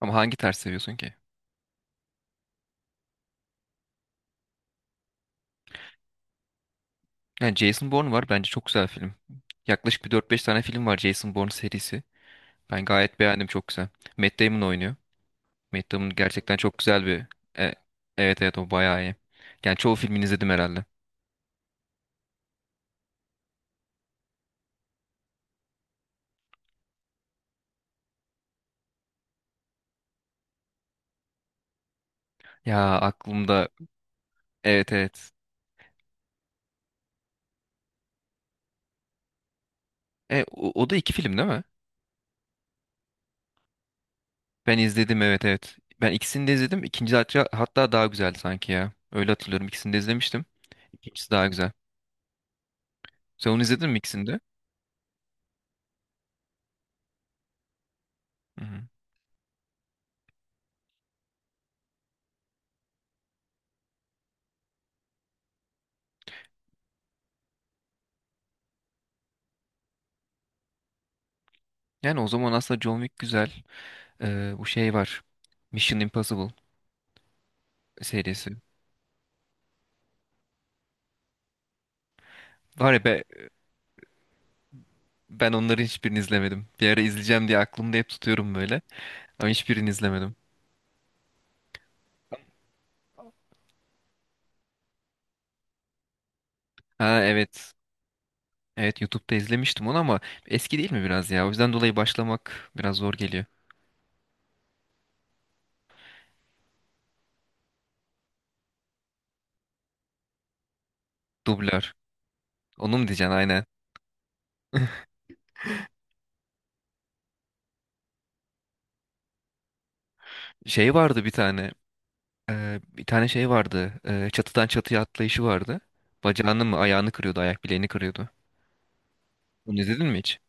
Ama hangi tarz seviyorsun ki? Yani Jason Bourne var bence çok güzel film. Yaklaşık bir dört beş tane film var, Jason Bourne serisi. Ben gayet beğendim, çok güzel. Matt Damon oynuyor. Matt Damon gerçekten çok güzel bir... E, evet evet, o bayağı iyi. Yani çoğu filmini izledim herhalde. Ya aklımda... Evet evet. O, o da iki film değil mi? Ben izledim, evet evet. Ben ikisini de izledim. İkinci hatta, hatta daha güzeldi sanki ya. Öyle hatırlıyorum. İkisini de izlemiştim. İkincisi daha güzel. Sen onu izledin mi, ikisini de? Hı hı. Yani o zaman aslında John Wick güzel. Bu şey var. Mission Impossible serisi. Var ya be, ben onları hiçbirini izlemedim. Bir ara izleyeceğim diye aklımda hep tutuyorum böyle. Ama hiçbirini izlemedim. Ha, evet. Evet, YouTube'da izlemiştim onu ama eski değil mi biraz ya? O yüzden dolayı başlamak biraz zor geliyor. Dublör. Onu mu diyeceksin, aynen. Şey vardı bir tane. Bir tane şey vardı. Çatıdan çatıya atlayışı vardı. Bacağını mı, ayağını kırıyordu, ayak bileğini kırıyordu. Onu izledin mi hiç?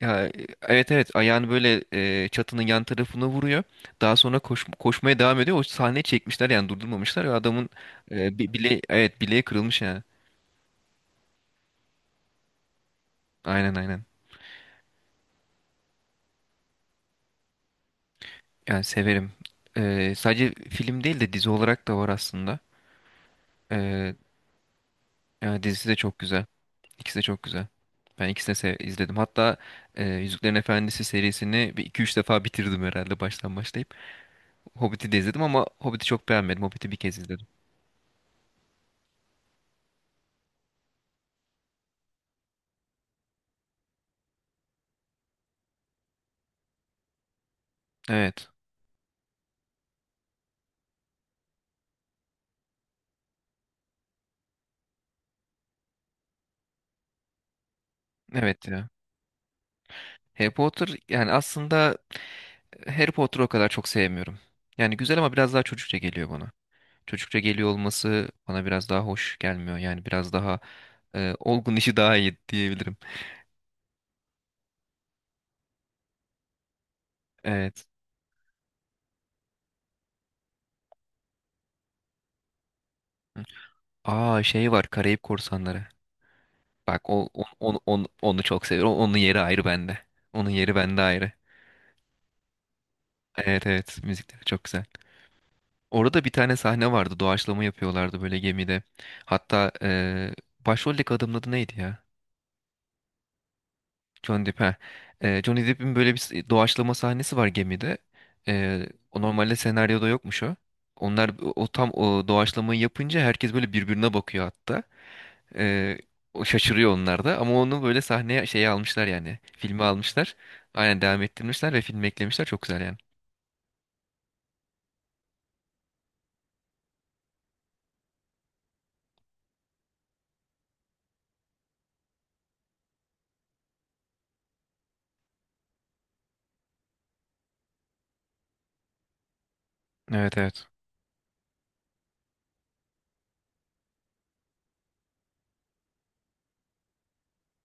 Ya e, evet evet, ayağını böyle çatının yan tarafına vuruyor. Daha sonra koşmaya devam ediyor. O sahneyi çekmişler yani, durdurmamışlar. Ve adamın bile, evet, bileği kırılmış ya. Aynen aynen. Yani severim. Sadece film değil de dizi olarak da var aslında. E, Yani dizisi de çok güzel. İkisi de çok güzel. Ben ikisini de izledim. Hatta Yüzüklerin Efendisi serisini bir iki üç defa bitirdim herhalde, baştan başlayıp. Hobbit'i de izledim ama Hobbit'i çok beğenmedim. Hobbit'i bir kez izledim. Evet. Evet ya. Harry Potter, yani aslında Harry Potter'ı o kadar çok sevmiyorum. Yani güzel ama biraz daha çocukça geliyor bana. Çocukça geliyor olması bana biraz daha hoş gelmiyor. Yani biraz daha olgun işi daha iyi diyebilirim. Evet. Aa, şey var, Karayip Korsanları. Bak o, onu, onu çok seviyorum. Onun yeri ayrı bende. Onun yeri bende ayrı. Evet evet, müzikleri çok güzel. Orada bir tane sahne vardı. Doğaçlama yapıyorlardı böyle gemide. Hatta başroldeki adamın adı neydi ya? Johnny Depp. He. Johnny Depp'in böyle bir doğaçlama sahnesi var gemide. Ee, O normalde senaryoda yokmuş o. Onlar o tam o doğaçlamayı yapınca herkes böyle birbirine bakıyor hatta. Ee, O şaşırıyor, onlar da, ama onu böyle sahneye şeye almışlar yani. Filme almışlar. Aynen, devam ettirmişler ve filme eklemişler. Çok güzel yani. Evet evet.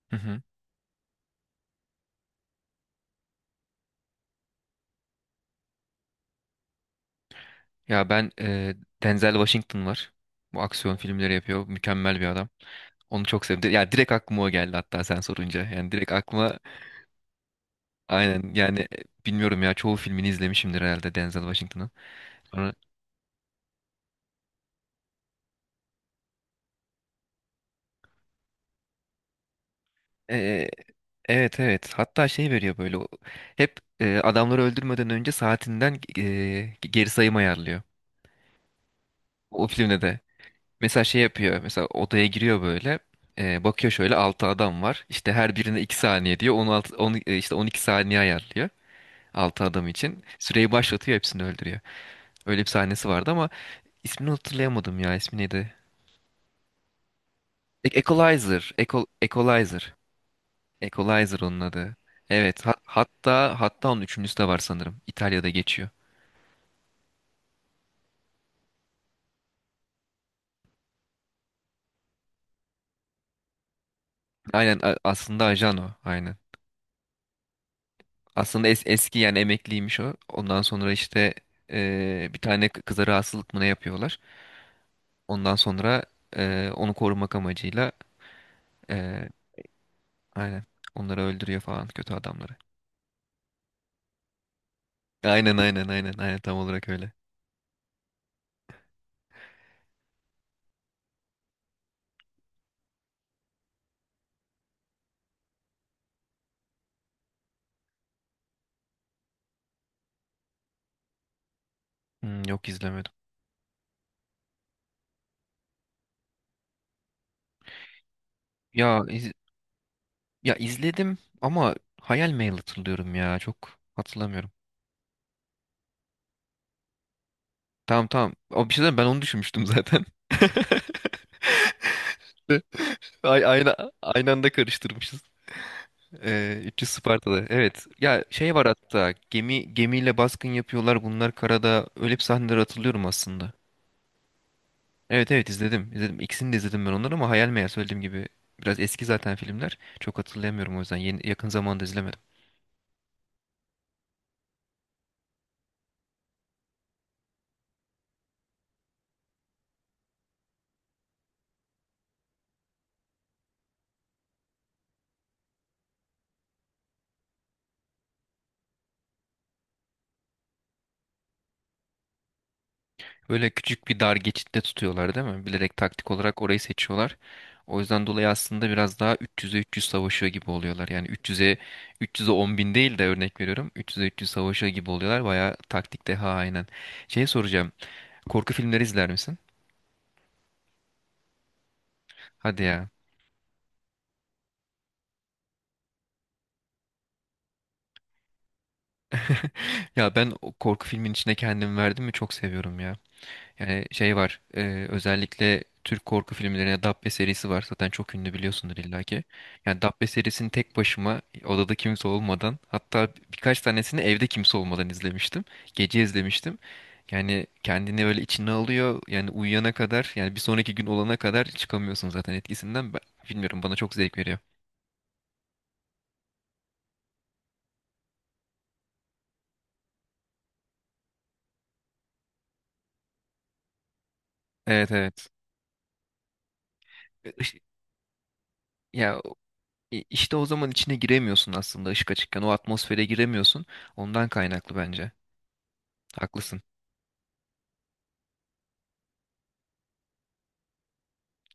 Hı hı. Ya Denzel Washington var. Bu aksiyon filmleri yapıyor. Mükemmel bir adam. Onu çok sevdim. Ya direkt aklıma o geldi hatta sen sorunca. Yani direkt aklıma. Aynen, yani bilmiyorum ya, çoğu filmini izlemişimdir herhalde Denzel Washington'ın. Sonra e, e, evet evet, hatta şey veriyor böyle hep adamları öldürmeden önce saatinden geri sayım ayarlıyor. O filmde de mesela şey yapıyor, mesela odaya giriyor böyle, bakıyor şöyle 6 adam var işte, her birine 2 saniye diyor, 16, 10, işte 12 saniye ayarlıyor, 6 adam için süreyi başlatıyor, hepsini öldürüyor. Öyle bir sahnesi vardı ama ismini hatırlayamadım ya, ismi neydi? Equalizer, Equalizer. Equalizer onun adı. Evet, hatta hatta onun üçüncüsü de var sanırım. İtalya'da geçiyor. Aynen, aslında ajan o. Aynen. Aslında eski, yani emekliymiş o. Ondan sonra işte bir tane kıza rahatsızlık mı ne yapıyorlar. Ondan sonra onu korumak amacıyla eee, aynen, onları öldürüyor falan, kötü adamları. Aynen aynen aynen aynen, tam olarak öyle. Hmm, yok, izlemedim. Ya iz- ya izledim ama hayal meyil hatırlıyorum ya, çok hatırlamıyorum. Tamam tamam. O, bir şey diyeyim, ben onu düşünmüştüm zaten. Ay, aynı anda karıştırmışız. 300 Spartalı. Evet. Ya şey var hatta. Gemi gemiyle baskın yapıyorlar. Bunlar karada. Öyle bir sahneleri hatırlıyorum aslında. Evet evet, izledim. İzledim. İkisini de izledim ben onları ama hayal meyal, söylediğim gibi. Biraz eski zaten filmler. Çok hatırlayamıyorum o yüzden. Yeni, yakın zamanda izlemedim. Böyle küçük bir dar geçitte tutuyorlar değil mi? Bilerek taktik olarak orayı seçiyorlar. O yüzden dolayı aslında biraz daha 300'e 300 savaşıyor gibi oluyorlar. Yani 300'e 10 bin değil de, örnek veriyorum. 300'e 300 savaşıyor gibi oluyorlar. Bayağı taktik deha, aynen. Şey soracağım. Korku filmleri izler misin? Hadi ya. Ya ben o korku filmin içine kendimi verdim mi çok seviyorum ya. Yani şey var, özellikle Türk korku filmlerine, Dabbe serisi var zaten, çok ünlü, biliyorsundur illaki. Yani Dabbe serisini tek başıma odada kimse olmadan, hatta birkaç tanesini evde kimse olmadan izlemiştim. Gece izlemiştim. Yani kendini böyle içine alıyor, yani uyuyana kadar, yani bir sonraki gün olana kadar çıkamıyorsun zaten etkisinden. Bilmiyorum, bana çok zevk veriyor. Evet evet. E, iş- Ya o- işte, o zaman içine giremiyorsun aslında, ışık açıkken o atmosfere giremiyorsun. Ondan kaynaklı bence. Haklısın.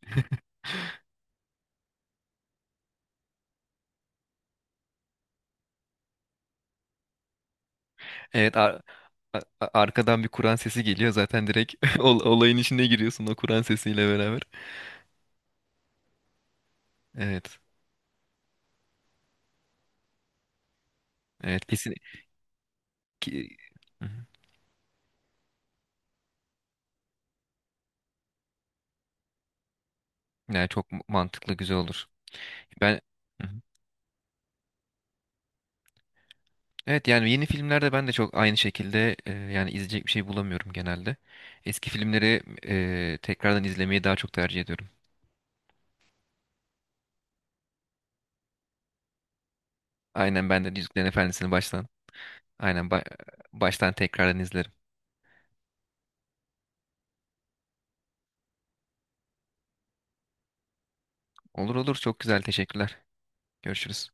Evet, arkadan bir Kur'an sesi geliyor zaten, direkt olayın içine giriyorsun o Kur'an sesiyle beraber. Evet. Evet, kesin ki. Hı hı. Yani çok mantıklı, güzel olur. Ben. Hı hı. Evet, yani yeni filmlerde ben de çok aynı şekilde, yani izleyecek bir şey bulamıyorum genelde. Eski filmleri tekrardan izlemeyi daha çok tercih ediyorum. Aynen, ben de Yüzüklerin Efendisi'ni baştan. Aynen, baştan tekrardan izlerim. Olur olur, çok güzel, teşekkürler. Görüşürüz.